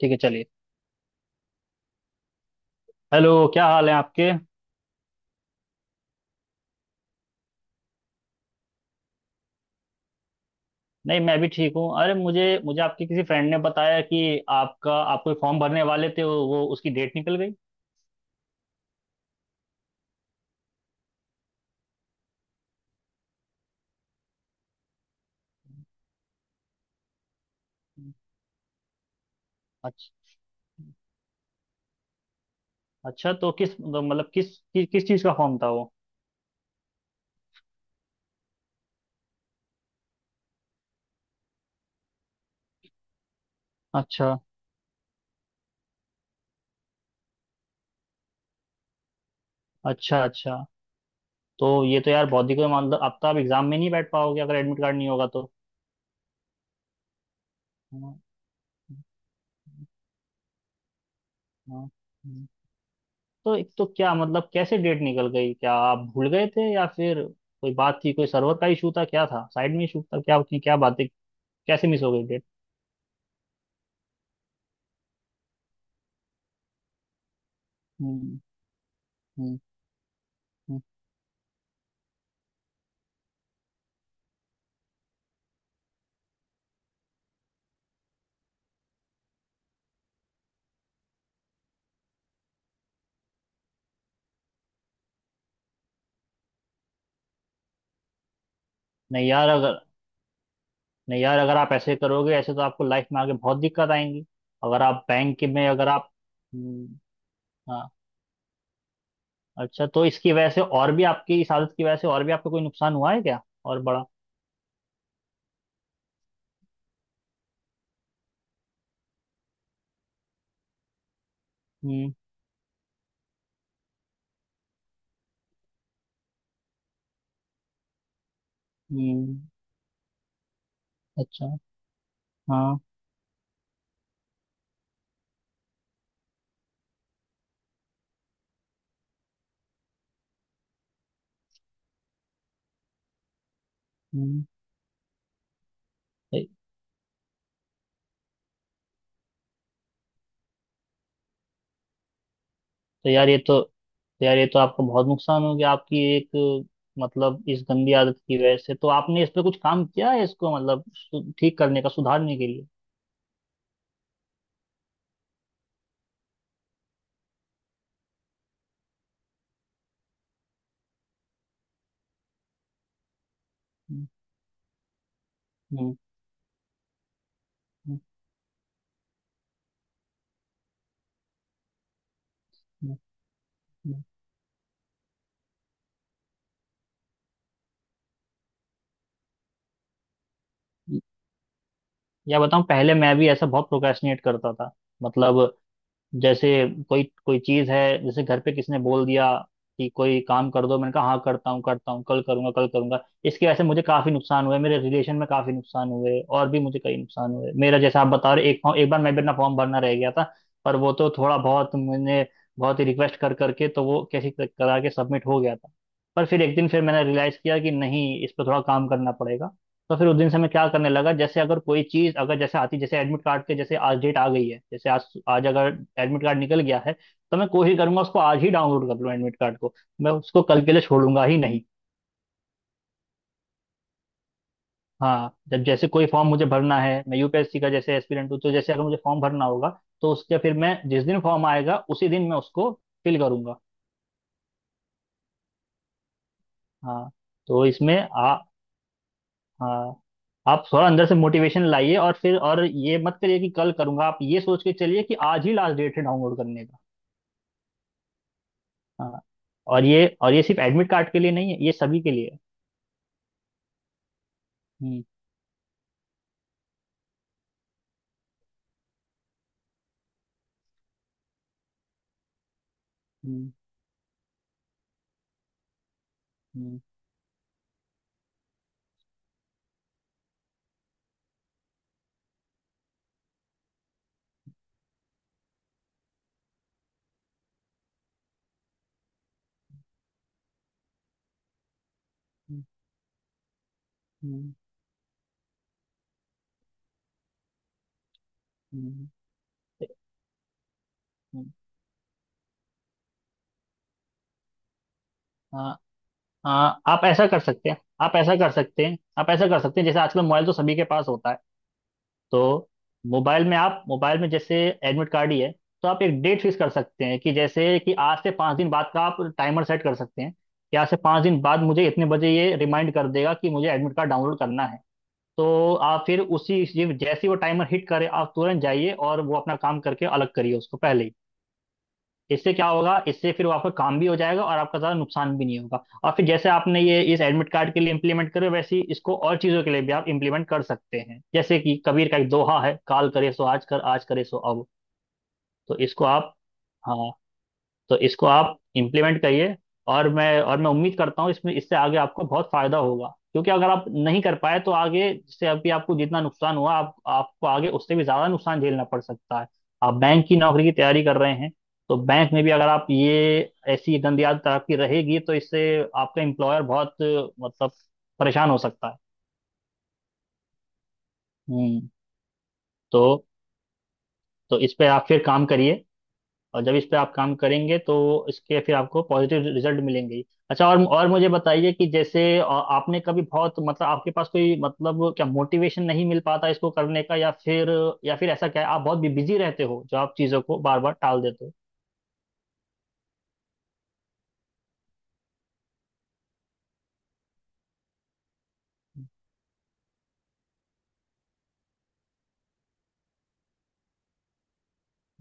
ठीक है, चलिए। हेलो, क्या हाल है आपके? नहीं, मैं भी ठीक हूँ। अरे, मुझे मुझे आपके किसी फ्रेंड ने बताया कि आपका आप कोई फॉर्म भरने वाले थे, वो उसकी डेट निकल गई। अच्छा। अच्छा। तो किस तो मतलब किस चीज़ का फॉर्म था वो? अच्छा अच्छा। अच्छा। तो ये तो यार, बहुत ही कोई मतलब, अब तो आप एग्जाम में नहीं बैठ पाओगे, अगर एडमिट कार्ड नहीं होगा तो। हाँ, हाँ, हाँ। तो एक तो क्या मतलब कैसे डेट निकल गई? क्या आप भूल गए थे, या फिर कोई बात थी? कोई सर्वर का इशू था, क्या था, साइड में इशू था, क्या क्या बातें, कैसे मिस हो गई डेट? हम्म। हम्म। हम्म। नहीं यार अगर नहीं यार, अगर आप ऐसे करोगे, ऐसे तो आपको लाइफ में आगे बहुत दिक्कत आएंगी। अगर आप बैंक के में अगर आप हम्म। हाँ। अच्छा, तो इसकी वजह से और भी, आपकी इस आदत की वजह से और भी आपको कोई नुकसान हुआ है क्या और बड़ा? हम्म। हम्म। अच्छा। हाँ। हम्म। तो तो यार ये तो यार ये तो आपको बहुत नुकसान हो गया आपकी एक, मतलब इस गंदी आदत की वजह से। तो आपने इस पे कुछ काम किया है इसको मतलब ठीक करने का, सुधारने के लिए? हम्म। हम्म। हम्म। या बताऊं, पहले मैं भी ऐसा बहुत प्रोक्रेस्टिनेट करता था। मतलब, जैसे कोई कोई चीज है, जैसे घर पे किसी ने बोल दिया कि कोई काम कर दो, मैंने कहा हाँ करता हूँ करता हूँ, कल करूंगा कल करूंगा। इसकी वजह से मुझे काफी नुकसान हुए, मेरे रिलेशन में काफी नुकसान हुए, और भी मुझे कई नुकसान हुए। मेरा, जैसा आप बता रहे, एक फॉर्म एक बार मैं भी अपना फॉर्म भरना रह गया था। पर वो तो थोड़ा बहुत मैंने बहुत ही रिक्वेस्ट कर करके, तो वो कैसे करा के सबमिट हो गया था। पर फिर एक दिन फिर मैंने रियलाइज किया कि नहीं, इस पर थोड़ा काम करना पड़ेगा। तो फिर उस दिन से मैं क्या करने लगा, जैसे अगर कोई चीज, अगर जैसे आती, जैसे एडमिट कार्ड के जैसे आज डेट आ गई है, जैसे आज आज अगर एडमिट कार्ड निकल गया है, तो मैं कोशिश करूंगा उसको आज ही डाउनलोड कर लूँ एडमिट कार्ड को, मैं उसको कल के लिए छोड़ूंगा ही नहीं। हाँ, जब जैसे कोई फॉर्म मुझे भरना है, मैं यूपीएससी का जैसे एस्पिरेंट हूँ, तो जैसे अगर मुझे फॉर्म भरना होगा, तो उसके फिर मैं जिस दिन फॉर्म आएगा उसी दिन मैं उसको फिल करूंगा। हाँ तो इसमें आ हाँ, आप थोड़ा अंदर से मोटिवेशन लाइए, और फिर और ये मत करिए कि कल करूंगा, आप ये सोच के चलिए कि आज ही लास्ट डेट है डाउनलोड करने। हाँ और ये, और ये सिर्फ एडमिट कार्ड के लिए नहीं है, ये सभी के लिए है। हम्म। हम्म। हम्म। हम्म। हम्म। हम्म। हम्म। हाँ। हाँ, आप ऐसा कर सकते हैं आप ऐसा कर सकते हैं आप ऐसा कर सकते हैं, जैसे आजकल मोबाइल तो सभी के पास होता है। तो मोबाइल में, जैसे एडमिट कार्ड ही है, तो आप एक डेट फिक्स कर सकते हैं, कि जैसे कि आज से 5 दिन बाद का आप टाइमर सेट कर सकते हैं, कि आज से पाँच दिन बाद मुझे इतने बजे ये रिमाइंड कर देगा कि मुझे एडमिट कार्ड डाउनलोड करना है। तो आप फिर उसी, जैसे ही वो टाइमर हिट करे, आप तुरंत जाइए और वो अपना काम करके अलग करिए उसको पहले ही। इससे क्या होगा, इससे फिर वो आपका काम भी हो जाएगा और आपका ज़्यादा नुकसान भी नहीं होगा। और फिर जैसे आपने ये इस एडमिट कार्ड के लिए इम्प्लीमेंट करे, वैसे ही इसको और चीज़ों के लिए भी आप इम्प्लीमेंट कर सकते हैं। जैसे कि कबीर का एक दोहा है, काल करे सो आज कर, आज करे सो अब। तो इसको आप हाँ, तो इसको आप इम्प्लीमेंट करिए। और मैं उम्मीद करता हूँ, इसमें इससे आगे आपको बहुत फायदा होगा, क्योंकि अगर आप नहीं कर पाए तो आगे, जैसे अभी आपको जितना नुकसान हुआ, आप आपको आगे उससे भी ज्यादा नुकसान झेलना पड़ सकता है। आप बैंक की नौकरी की तैयारी कर रहे हैं, तो बैंक में भी अगर आप ये ऐसी गंदी आदत आपकी रहेगी, तो इससे आपका एम्प्लॉयर बहुत, मतलब, परेशान हो सकता है। हम्म। तो तो इस पे आप फिर काम करिए। और जब इस पे आप काम करेंगे, तो इसके फिर आपको पॉजिटिव रिजल्ट मिलेंगे ही। अच्छा, और मुझे बताइए कि जैसे, आपने कभी बहुत, मतलब आपके पास कोई, मतलब क्या मोटिवेशन नहीं मिल पाता इसको करने का? या फिर, या फिर ऐसा क्या है, आप बहुत बिजी रहते हो जो आप चीज़ों को बार बार टाल देते हो?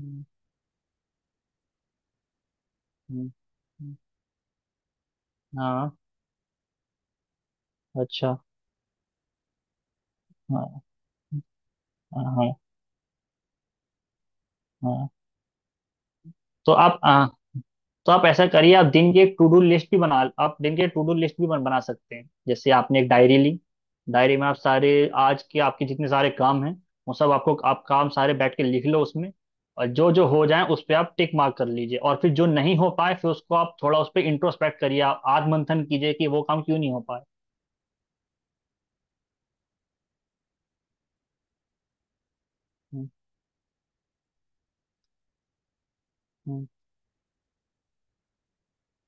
हम्म। हम्म। हम्म। हाँ। अच्छा। हाँ। हाँ। हाँ। तो आप आ, तो आप ऐसा करिए, आप दिन की एक टू डू लिस्ट भी बना आप दिन की टू डू लिस्ट भी बना सकते हैं। जैसे आपने एक डायरी ली, डायरी में आप सारे, आज के आपके जितने सारे काम हैं, वो सब आपको, आप काम सारे बैठ के लिख लो उसमें। और जो जो हो जाए उस पे आप टिक मार्क कर लीजिए, और फिर जो नहीं हो पाए फिर उसको आप थोड़ा उस पे इंट्रोस्पेक्ट करिए, आप आत्ममंथन कीजिए कि वो काम क्यों नहीं हो पाए। हम्म। हम्म।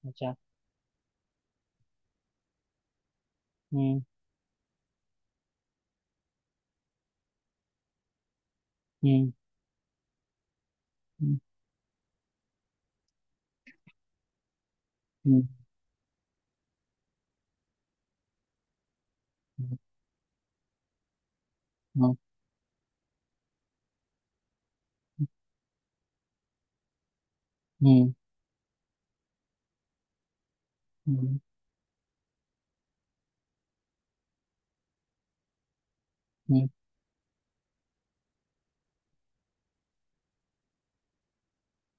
अच्छा। हम्म। हम्म। हम्म। हम्म। हम्म। हम्म। हम्म। हम्म।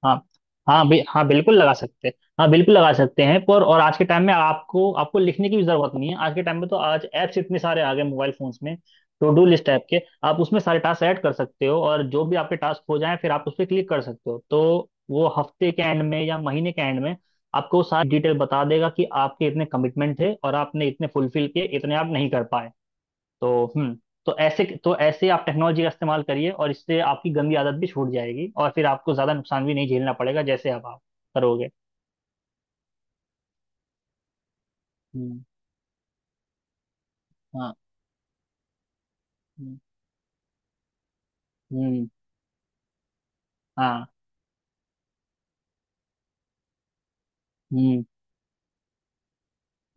हाँ हाँ बि, हाँ, बिल्कुल लगा सकते हैं। पर, और आज के टाइम में आपको, आपको लिखने की भी जरूरत नहीं है। आज के टाइम में तो आज ऐप्स इतने सारे आ गए मोबाइल फोन्स में, टू डू लिस्ट ऐप के, आप उसमें सारे टास्क ऐड कर सकते हो। और जो भी आपके टास्क हो जाए, फिर आप उस पर क्लिक कर सकते हो, तो वो हफ्ते के एंड में या महीने के एंड में आपको सारी डिटेल बता देगा कि आपके इतने कमिटमेंट थे और आपने इतने फुलफिल किए, इतने आप नहीं कर पाए। तो, हम्म। तो ऐसे आप टेक्नोलॉजी का इस्तेमाल करिए, और इससे आपकी गंदी आदत भी छूट जाएगी और फिर आपको ज्यादा नुकसान भी नहीं झेलना पड़ेगा, जैसे अब आप करोगे। हम्म। हाँ। हम्म। हम्म। हाँ। हम्म।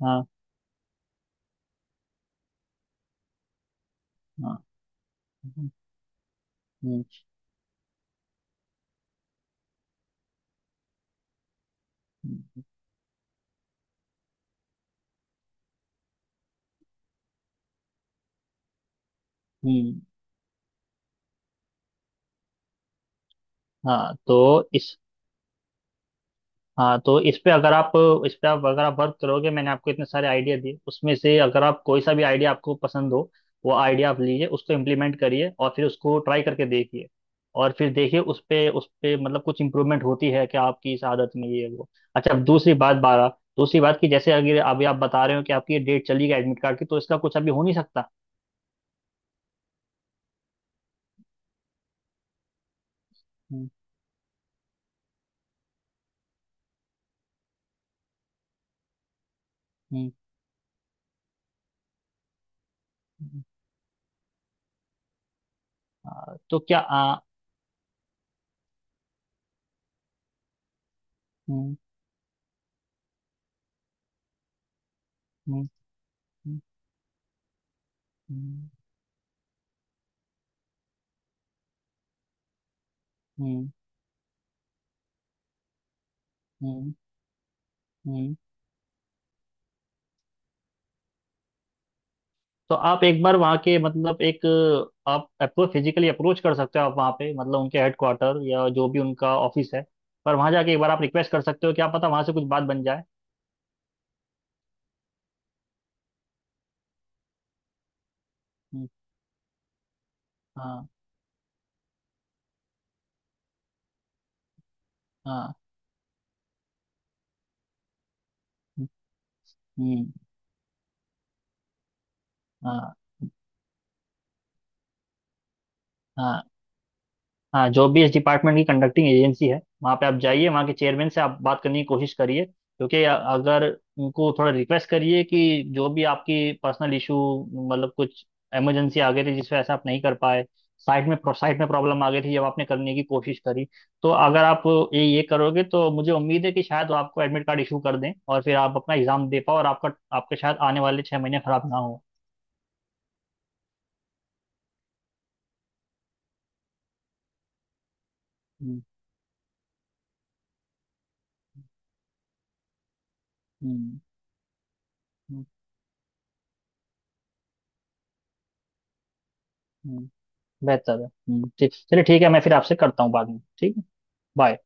हाँ। हाँ। हम्म। हम्म। हम्म। हाँ तो इस हाँ, तो इस पे अगर आप, इस पे आप अगर आप वर्क करोगे, मैंने आपको इतने सारे आइडिया दिए, उसमें से अगर आप कोई सा भी आइडिया आपको पसंद हो, वो आइडिया आप लीजिए, उसको इम्प्लीमेंट करिए, और फिर उसको ट्राई करके देखिए, और फिर देखिए उस पे, उस पे मतलब कुछ इम्प्रूवमेंट होती है क्या आपकी इस आदत में, ये वो? अच्छा, अब दूसरी बात की, जैसे अगर अभी आप बता रहे हो कि आपकी ये डेट चली गई एडमिट कार्ड की, तो इसका कुछ अभी हो नहीं सकता। हम्म। हम्म। हम्म। तो क्या? हम्म। हम्म। हम्म। हम्म। हम्म। हम्म। तो आप एक बार वहाँ के, मतलब एक, आप अप्रोच, फिजिकली अप्रोच कर सकते हो, आप वहाँ पे, मतलब उनके हेडक्वार्टर या जो भी उनका ऑफिस है, पर वहाँ जाके एक बार आप रिक्वेस्ट कर सकते हो, क्या पता वहाँ से कुछ बात बन जाए। हम्म। हाँ। हाँ। हम्म। हम्म। हाँ। हाँ। हाँ, जो भी इस डिपार्टमेंट की कंडक्टिंग एजेंसी है, वहाँ पे आप जाइए, वहाँ के चेयरमैन से आप बात करने की कोशिश करिए, क्योंकि अगर उनको थोड़ा रिक्वेस्ट करिए कि जो भी आपकी पर्सनल इशू, मतलब कुछ इमरजेंसी आ गई थी जिस वजह से आप नहीं कर पाए, साइट में प्रॉब्लम आ गई थी जब आपने करने की कोशिश करी, तो अगर आप ये करोगे, तो मुझे उम्मीद है कि शायद वो आपको एडमिट कार्ड इशू कर दें, और फिर आप अपना एग्जाम दे पाओ, और आपका आपके शायद आने वाले 6 महीने खराब ना हो। हम्म। हम्म। हम्म। हम्म। बेहतर है। ठीक, चलिए, ठीक है, मैं फिर आपसे करता हूँ बाद में, ठीक है? बाय।